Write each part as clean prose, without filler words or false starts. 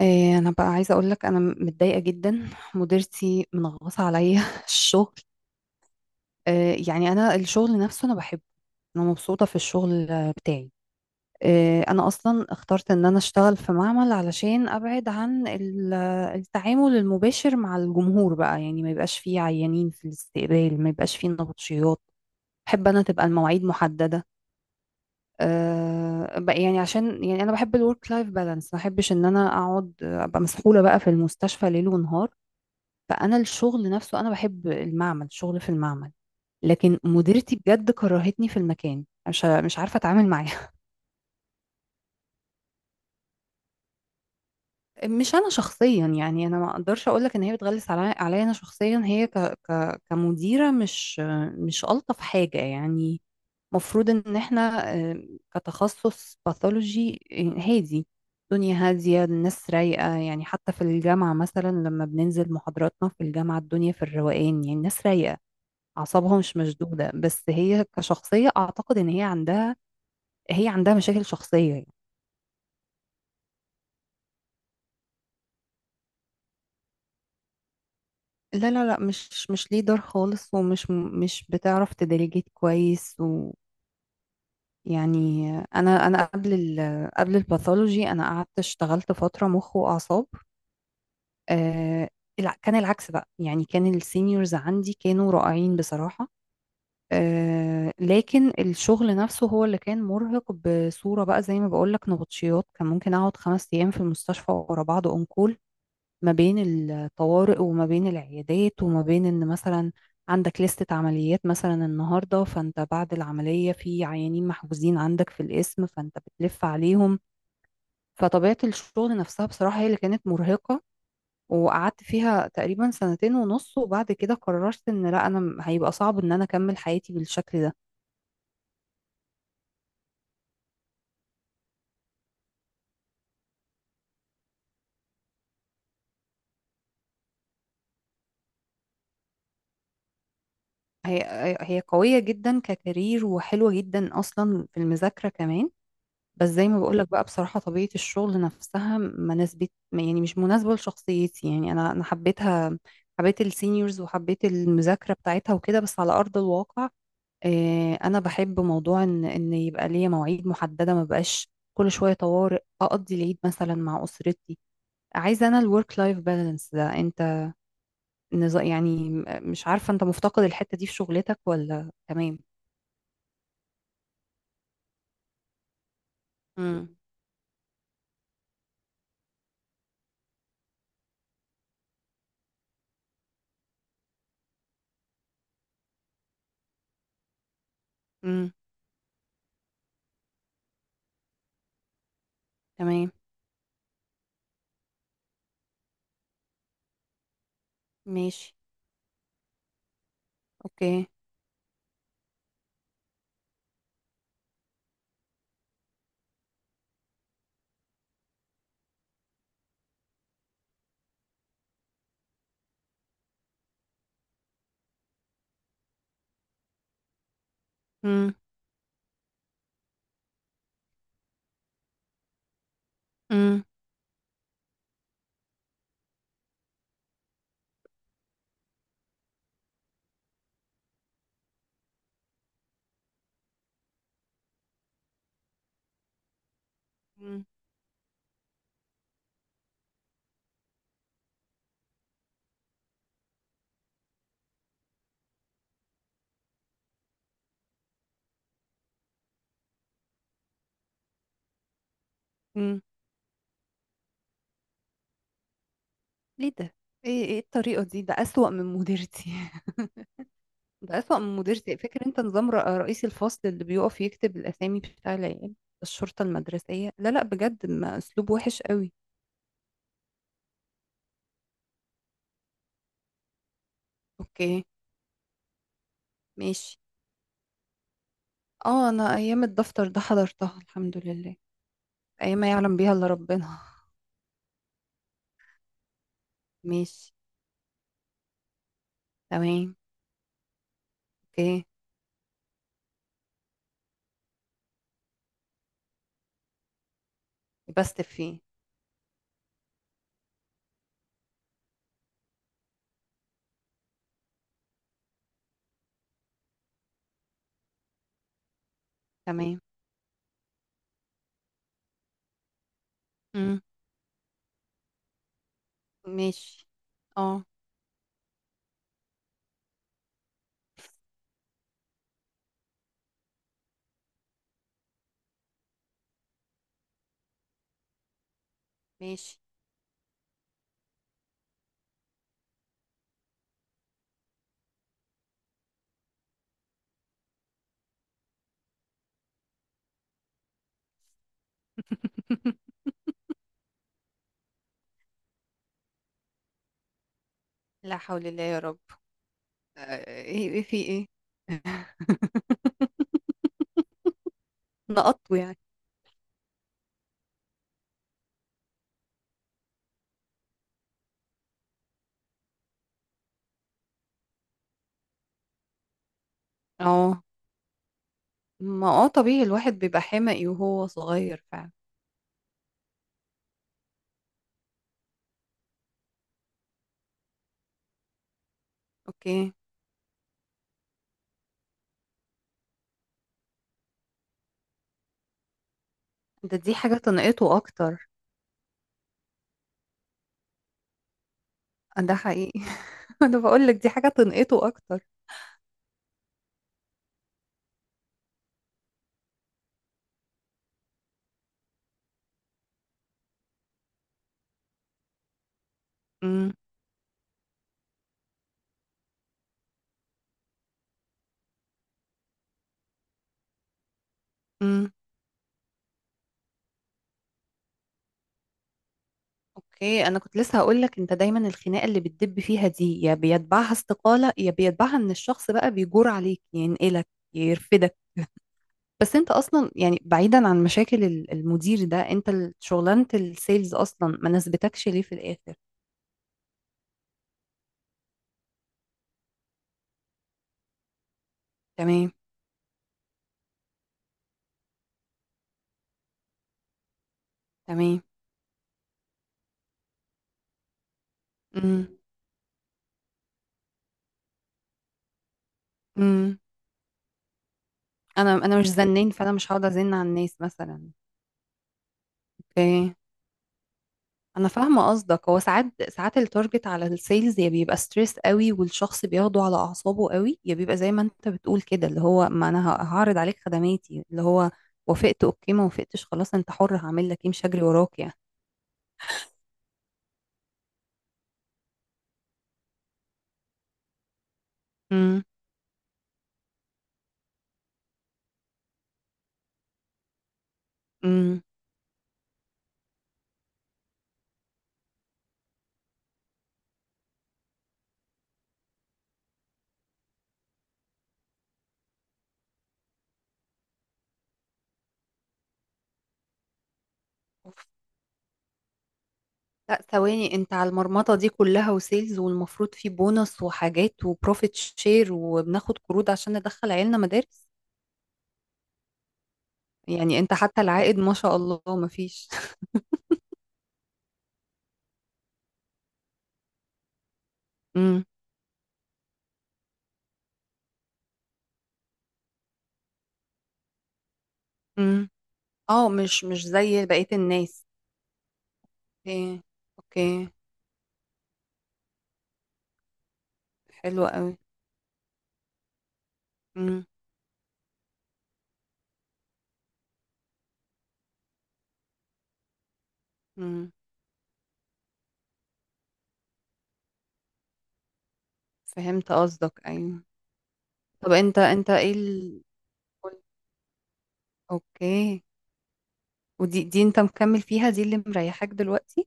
إيه، انا بقى عايزه اقول لك انا متضايقه جدا. مديرتي منغصه عليا الشغل. إيه، يعني انا الشغل نفسه انا بحبه. انا مبسوطه في الشغل بتاعي. إيه، انا اصلا اخترت ان انا اشتغل في معمل علشان ابعد عن التعامل المباشر مع الجمهور، بقى يعني ما يبقاش فيه عيانين في الاستقبال، ما يبقاش فيه نبطشيات. بحب انا تبقى المواعيد محدده. أه بقى، يعني عشان يعني انا بحب الورك لايف بالانس، ما بحبش ان انا اقعد ابقى مسحوله بقى في المستشفى ليل ونهار. فانا الشغل نفسه انا بحب المعمل، شغل في المعمل. لكن مديرتي بجد كرهتني في المكان، مش عارفه اتعامل معاها. مش انا شخصيا، يعني انا ما اقدرش اقول لك ان هي بتغلس علي عليا، انا شخصيا هي ك ك كمديره مش الطف حاجه يعني. مفروض ان احنا كتخصص باثولوجي هادي، الدنيا هاديه، الناس رايقه. يعني حتى في الجامعه مثلا لما بننزل محاضراتنا في الجامعه، الدنيا في الروقان، يعني الناس رايقه، اعصابها مش مشدودة. بس هي كشخصية، اعتقد ان هي عندها مشاكل شخصية يعني. لا لا لا، مش ليدر خالص، ومش مش بتعرف تديليجيت كويس. ويعني انا قبل قبل الباثولوجي، انا قعدت اشتغلت فترة مخ واعصاب. آه كان العكس بقى، يعني كان السينيورز عندي كانوا رائعين بصراحة. لكن الشغل نفسه هو اللي كان مرهق بصورة بقى، زي ما بقولك نبطشيات، كان ممكن أقعد خمس أيام في المستشفى ورا بعض أنكول. ما بين الطوارئ وما بين العيادات، وما بين إن مثلا عندك لستة عمليات مثلا النهاردة، فأنت بعد العملية في عيانين محجوزين عندك في القسم، فأنت بتلف عليهم. فطبيعة الشغل نفسها بصراحة هي اللي كانت مرهقة. وقعدت فيها تقريبا سنتين ونص، وبعد كده قررت ان لا، انا هيبقى صعب ان انا اكمل حياتي بالشكل ده. هي هي قوية جدا ككارير، وحلوة جدا أصلا في المذاكرة كمان. بس زي ما بقولك بقى بصراحة، طبيعة الشغل نفسها ما نسبت، يعني مش مناسبة لشخصيتي. يعني أنا حبيتها، حبيت السينيورز وحبيت المذاكرة بتاعتها وكده. بس على أرض الواقع، أنا بحب موضوع إن يبقى ليا مواعيد محددة، ما بقاش كل شوية طوارئ، أقضي العيد مثلا مع أسرتي. عايزة أنا الورك لايف بالانس ده. أنت يعني مش عارفة أنت مفتقد الحتة دي في شغلتك ولا تمام؟ امم. امم. تمام. ماشي. اوكي. امم. امم. امم. امم. ليه ده؟ ايه ايه الطريقه دي؟ ده اسوأ من مديرتي. ده اسوأ من مديرتي. فاكر انت نظام رئيس الفصل اللي بيقف يكتب الاسامي بتاع العيال؟ الشرطه المدرسيه. لا لا، بجد ما اسلوب وحش قوي. اوكي. ماشي. اه، انا ايام الدفتر ده حضرتها الحمد لله، ايام ما يعلم بيها الا ربنا. ماشي. تمام. اوكي. بس فيه. تمام. امم. ماشي. اه. ماشي. لا حول الله يا رب. ايه؟ إيه في ايه؟ نقطه يعني؟ اه. ما اه، طبيعي الواحد بيبقى حمقي وهو صغير فعلا. اوكي. ده دي حاجة تنقطه اكتر. ده حقيقي. انا بقول لك دي حاجة تنقطه اكتر. امم. امم. اوكي، انا كنت لسه هقول لك، انت دايما الخناقة اللي بتدب فيها دي يا بيتبعها استقالة، يا بيتبعها ان الشخص بقى بيجور عليك ينقلك يرفدك. بس انت اصلا، يعني بعيدا عن مشاكل المدير ده، انت شغلانه السيلز اصلا ما ناسبتكش ليه في الاخر؟ تمام. تمام. امم. امم. انا مش زنين، فانا مش هقعد ازن على الناس مثلا. اوكي. انا فاهمه قصدك، هو ساعات التارجت على السيلز يا بيبقى ستريس قوي والشخص بياخده على اعصابه قوي، يا بيبقى زي ما انت بتقول كده، اللي هو ما انا هعرض عليك خدماتي، اللي هو وافقت اوكي، ما وافقتش خلاص انت حر، هعمل لك ايه، مش هجري وراك يعني. امم. امم. لا ثواني، انت على المرمطة دي كلها وسيلز، والمفروض في بونص وحاجات وبروفيت شير، وبناخد قروض عشان ندخل عيالنا مدارس؟ يعني انت حتى العائد ما شاء الله مفيش. امم. امم. اه، مش زي بقية الناس. اوكي. اوكي. حلو قوي. امم. امم. فهمت قصدك ايوه. طب انت ايه ال...؟ اوكي. ودي دي انت مكمل فيها دي اللي مريحاك دلوقتي؟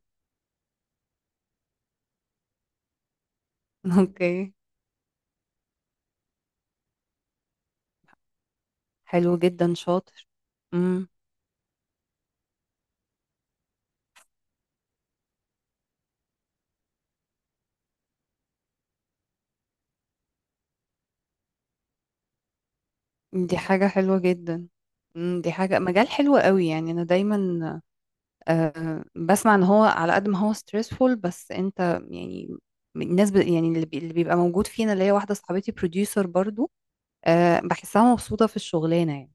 اوكي. حلو جدا، شاطر. إمم. دي حاجة حلوة جدا. مم، دي حاجة مجال حلو قوي. يعني أنا دايما بسمع إن هو على قد ما هو stressful، بس أنت يعني الناس ب... يعني اللي, بي... اللي بيبقى موجود فينا، اللي هي واحدة صاحبتي producer برضو، بحسها مبسوطة في الشغلانة يعني.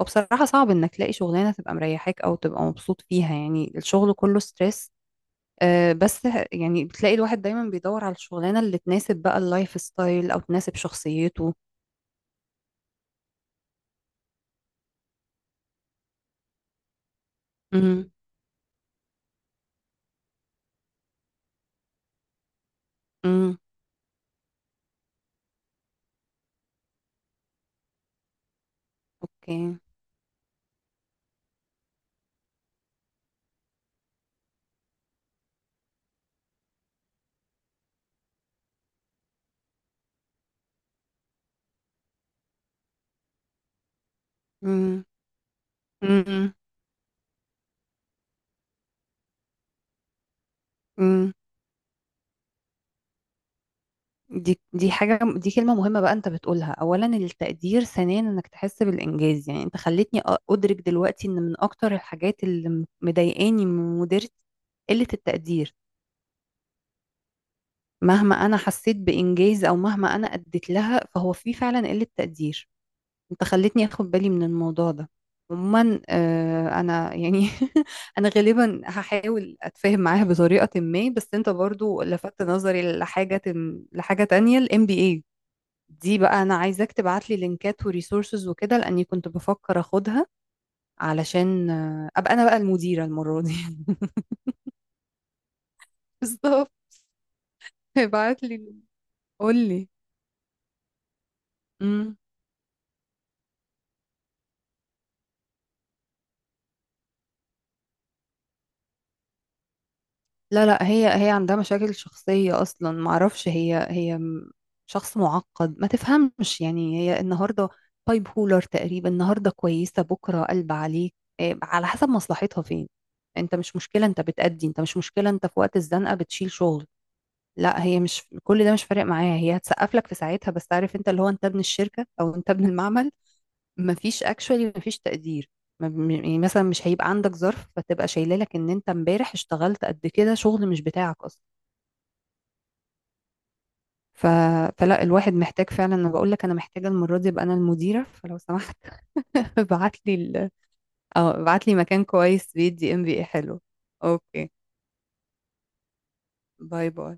وبصراحة صعب إنك تلاقي شغلانة تبقى مريحاك أو تبقى مبسوط فيها، يعني الشغل كله stress. بس يعني بتلاقي الواحد دايما بيدور على الشغلانة اللي تناسب بقى اللايف ستايل، أو تناسب شخصيته. امم. امم. اوكي. مم. امم. امم. دي حاجة، دي كلمة مهمة بقى انت بتقولها، اولا التقدير، ثانيا انك تحس بالانجاز. يعني انت خلتني ادرك دلوقتي ان من اكتر الحاجات اللي مضايقاني من مديرتي قلة التقدير. مهما انا حسيت بانجاز، او مهما انا اديت لها، فهو في فعلا قلة تقدير. انت خلتني اخد بالي من الموضوع ده. عموما انا يعني انا غالبا هحاول اتفاهم معاها بطريقة ما، بس انت برضو لفتت نظري لحاجة، لحاجة تانية، ال MBA دي بقى انا عايزاك تبعت لي لينكات وريسورسز وكده، لاني كنت بفكر اخدها علشان ابقى انا بقى المديرة المرة دي. بالظبط. ابعت لي، قول لي. امم. لا لا، هي عندها مشاكل شخصية اصلا، معرفش، هي شخص معقد ما تفهمش، يعني هي النهاردة بايب هولر تقريبا، النهاردة كويسة، بكرة قلب عليك. إيه، على حسب مصلحتها فين. انت مش مشكلة، انت بتأدي، انت مش مشكلة، انت في وقت الزنقة بتشيل شغل. لا هي مش كل ده مش فارق معايا، هي هتسقف لك في ساعتها، بس عارف انت اللي هو انت ابن الشركه او انت ابن المعمل. مفيش اكشولي، مفيش تقدير. يعني مثلا مش هيبقى عندك ظرف فتبقى شايله لك ان انت امبارح اشتغلت قد كده شغل مش بتاعك اصلا. ف... فلا الواحد محتاج فعلا، انا بقول لك انا محتاجه المره دي ابقى انا المديره، فلو سمحت ابعت لي ال... اه ابعت لي مكان كويس بيدي ام بي اي حلو. اوكي. باي باي.